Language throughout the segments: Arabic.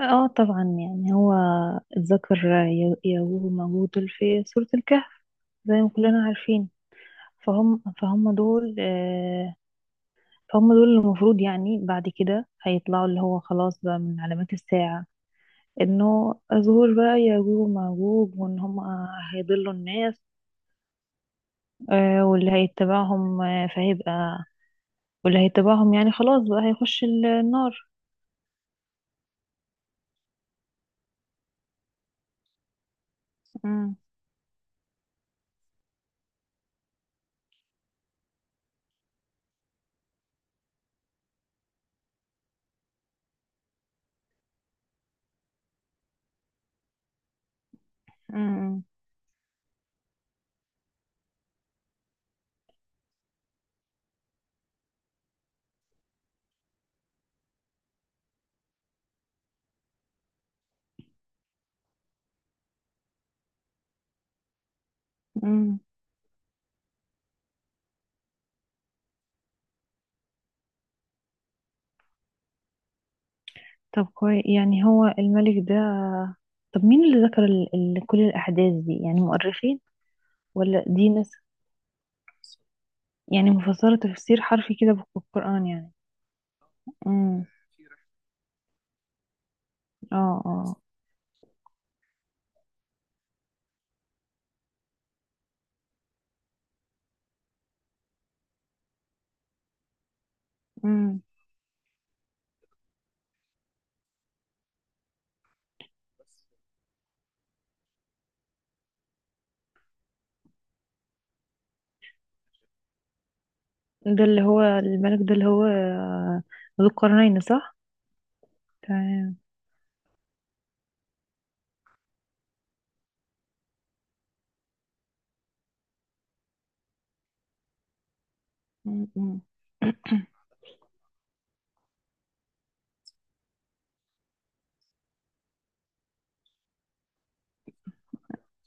اه طبعا يعني هو الذكر يجوز موجود في سورة الكهف زي ما كلنا عارفين. فهم دول فهم دول اللي المفروض يعني بعد كده هيطلعوا اللي هو خلاص بقى من علامات الساعة، انه ظهور بقى يجوج وماجوج وان هم هيضلوا الناس. واللي هيتبعهم، فهيبقى واللي هيتبعهم يعني خلاص بقى هيخش النار. مم. امم امم. طب كويس، يعني هو الملك ده، طب مين اللي ذكر ال كل الأحداث دي؟ يعني مؤرخين ولا دي ناس؟ يعني مفسرة تفسير حرفي كده بالقرآن يعني. امم. اه اه. امم. ده اللي هو الملك ده اللي هو ذو القرنين، صح؟ تمام. مم، مم.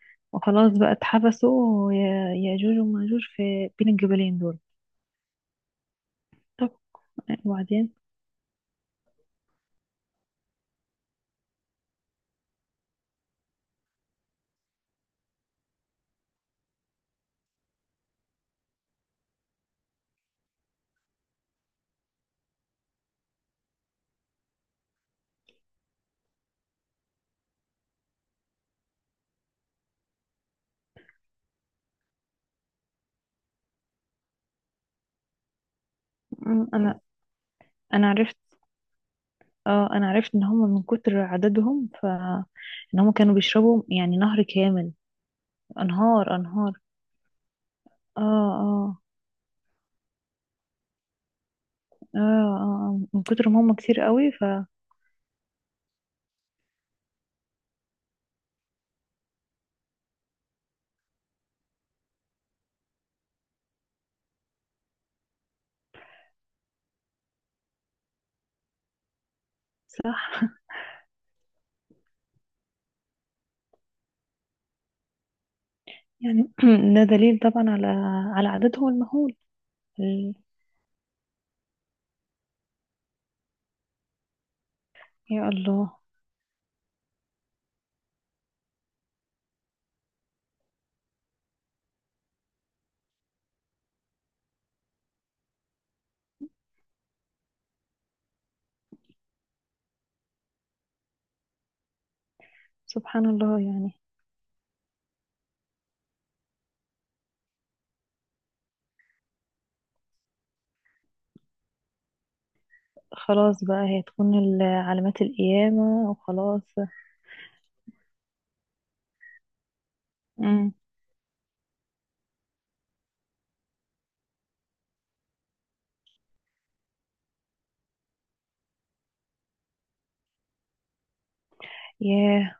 وخلاص بقى اتحبسوا يأجوج ومأجوج في بين الجبلين دول. طب وبعدين؟ مم. انا عرفت، اه، انا عرفت ان هم من كتر عددهم ف ان هم كانوا بيشربوا يعني نهر كامل. انهار، انهار. اه اه. اه اه. آه. من كتر ما هم كتير قوي ف صح. يعني ده دليل طبعا على على عددهم المهول. ال- يا الله. سبحان الله يعني. خلاص بقى هي تكون علامات القيامة وخلاص. امم. ياه.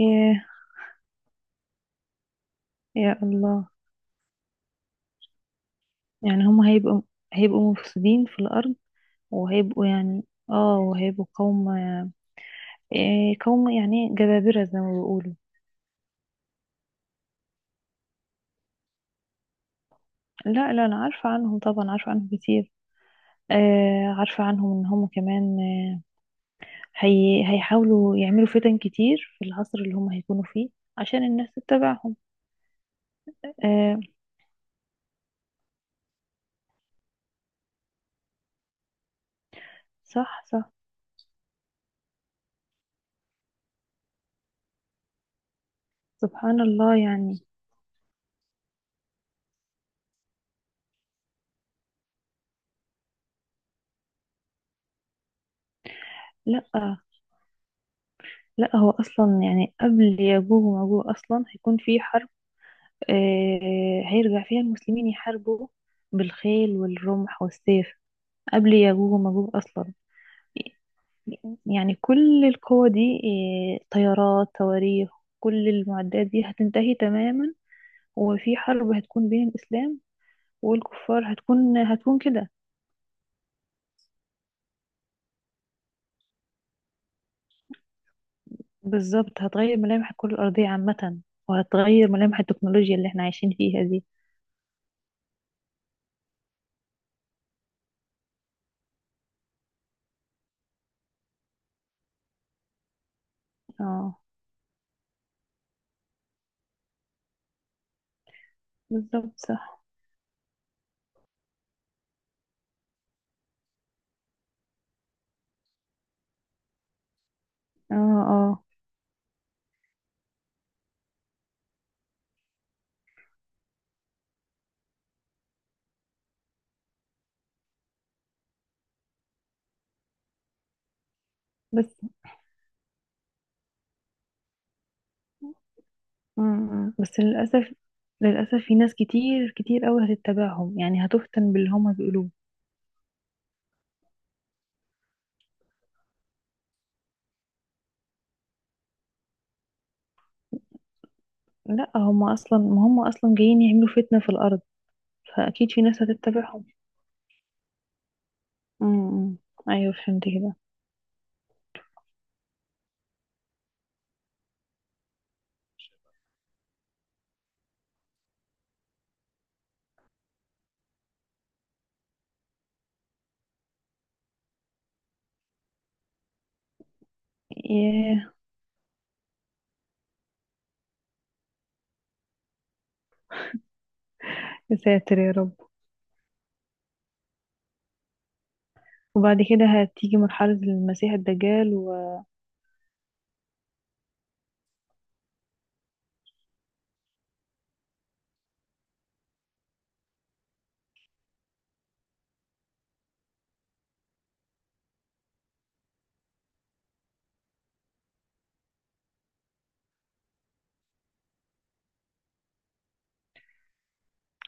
ياه. يا الله. يعني هم هيبقوا، هيبقوا مفسدين في الأرض، وهيبقوا يعني، اه، وهيبقوا قوم إيه، قوم يعني جبابرة زي ما بيقولوا. لا لا، أنا عارفة عنهم طبعا، عارفة عنهم كتير. آه، عارفة عنهم ان هم كمان آه، هي هيحاولوا يعملوا فتن كتير في العصر اللي هم هيكونوا فيه عشان الناس تتبعهم. آه. صح صح. سبحان الله يعني. لا لا، هو اصلا يعني قبل ياجوج وماجوج اصلا هيكون في حرب. آه هيرجع فيها المسلمين يحاربوا بالخيل والرمح والسيف قبل ياجوج وماجوج اصلا. يعني كل القوة دي، آه طيارات، صواريخ، كل المعدات دي هتنتهي تماما. هو في حرب هتكون بين الإسلام والكفار، هتكون كده. بالظبط، هتغير ملامح الكرة الأرضية عامة، وهتغير ملامح التكنولوجيا اللي احنا عايشين فيها دي. اه. بالظبط. صح. اه. اه. بس م- م. بس للأسف، للأسف في ناس كتير كتير قوي هتتبعهم، يعني هتفتن باللي هما بيقولوه. لا، هما أصلا ما هما أصلا جايين يعملوا فتنة في الأرض، فأكيد في ناس هتتبعهم. م- م. أيوه فهمت كده. ياه. يا ساتر يا رب. وبعد كده هتيجي مرحلة المسيح الدجال؟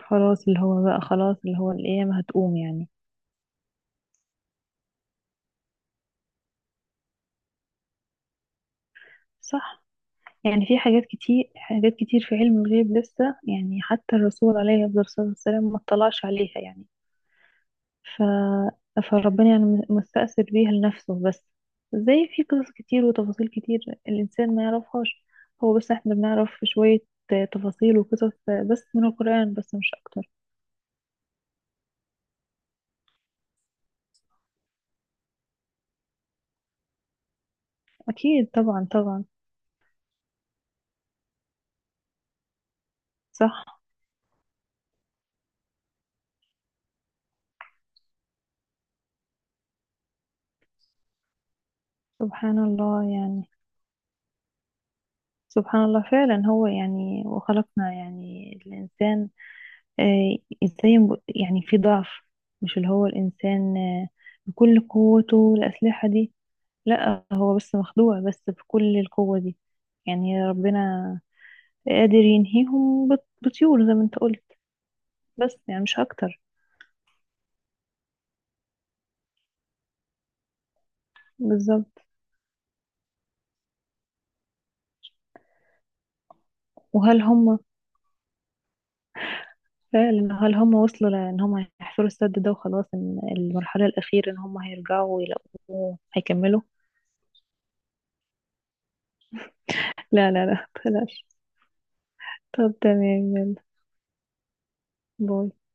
وخلاص اللي هو بقى خلاص اللي هو القيامة هتقوم يعني. صح. يعني في حاجات كتير، حاجات كتير في علم الغيب لسه، يعني حتى الرسول عليه أفضل الصلاة والسلام ما اطلعش عليها يعني. ف... فربنا يعني مستأثر بيها لنفسه بس، زي في قصص كتير وتفاصيل كتير الإنسان ما يعرفهاش. هو بس احنا بنعرف شوية تفاصيل وقصص بس من القرآن بس مش أكتر. أكيد طبعا، طبعا. صح. سبحان الله يعني. سبحان الله فعلا. هو يعني وخلقنا يعني الإنسان، آه، ازاي يعني في ضعف، مش اللي هو الإنسان بكل قوته الأسلحة دي. لا هو بس مخدوع بس بكل القوة دي. يعني ربنا قادر ينهيهم بطيور زي ما انت قلت. بس يعني مش أكتر. بالظبط. وهل هم فعلا، هل هم وصلوا؟ لأن هم هيحفروا السد ده وخلاص، إن المرحلة الأخيرة إن هم هيرجعوا ويلاقوه هيكملوا. لا لا لا، بلاش. طب تمام، يلا. باي.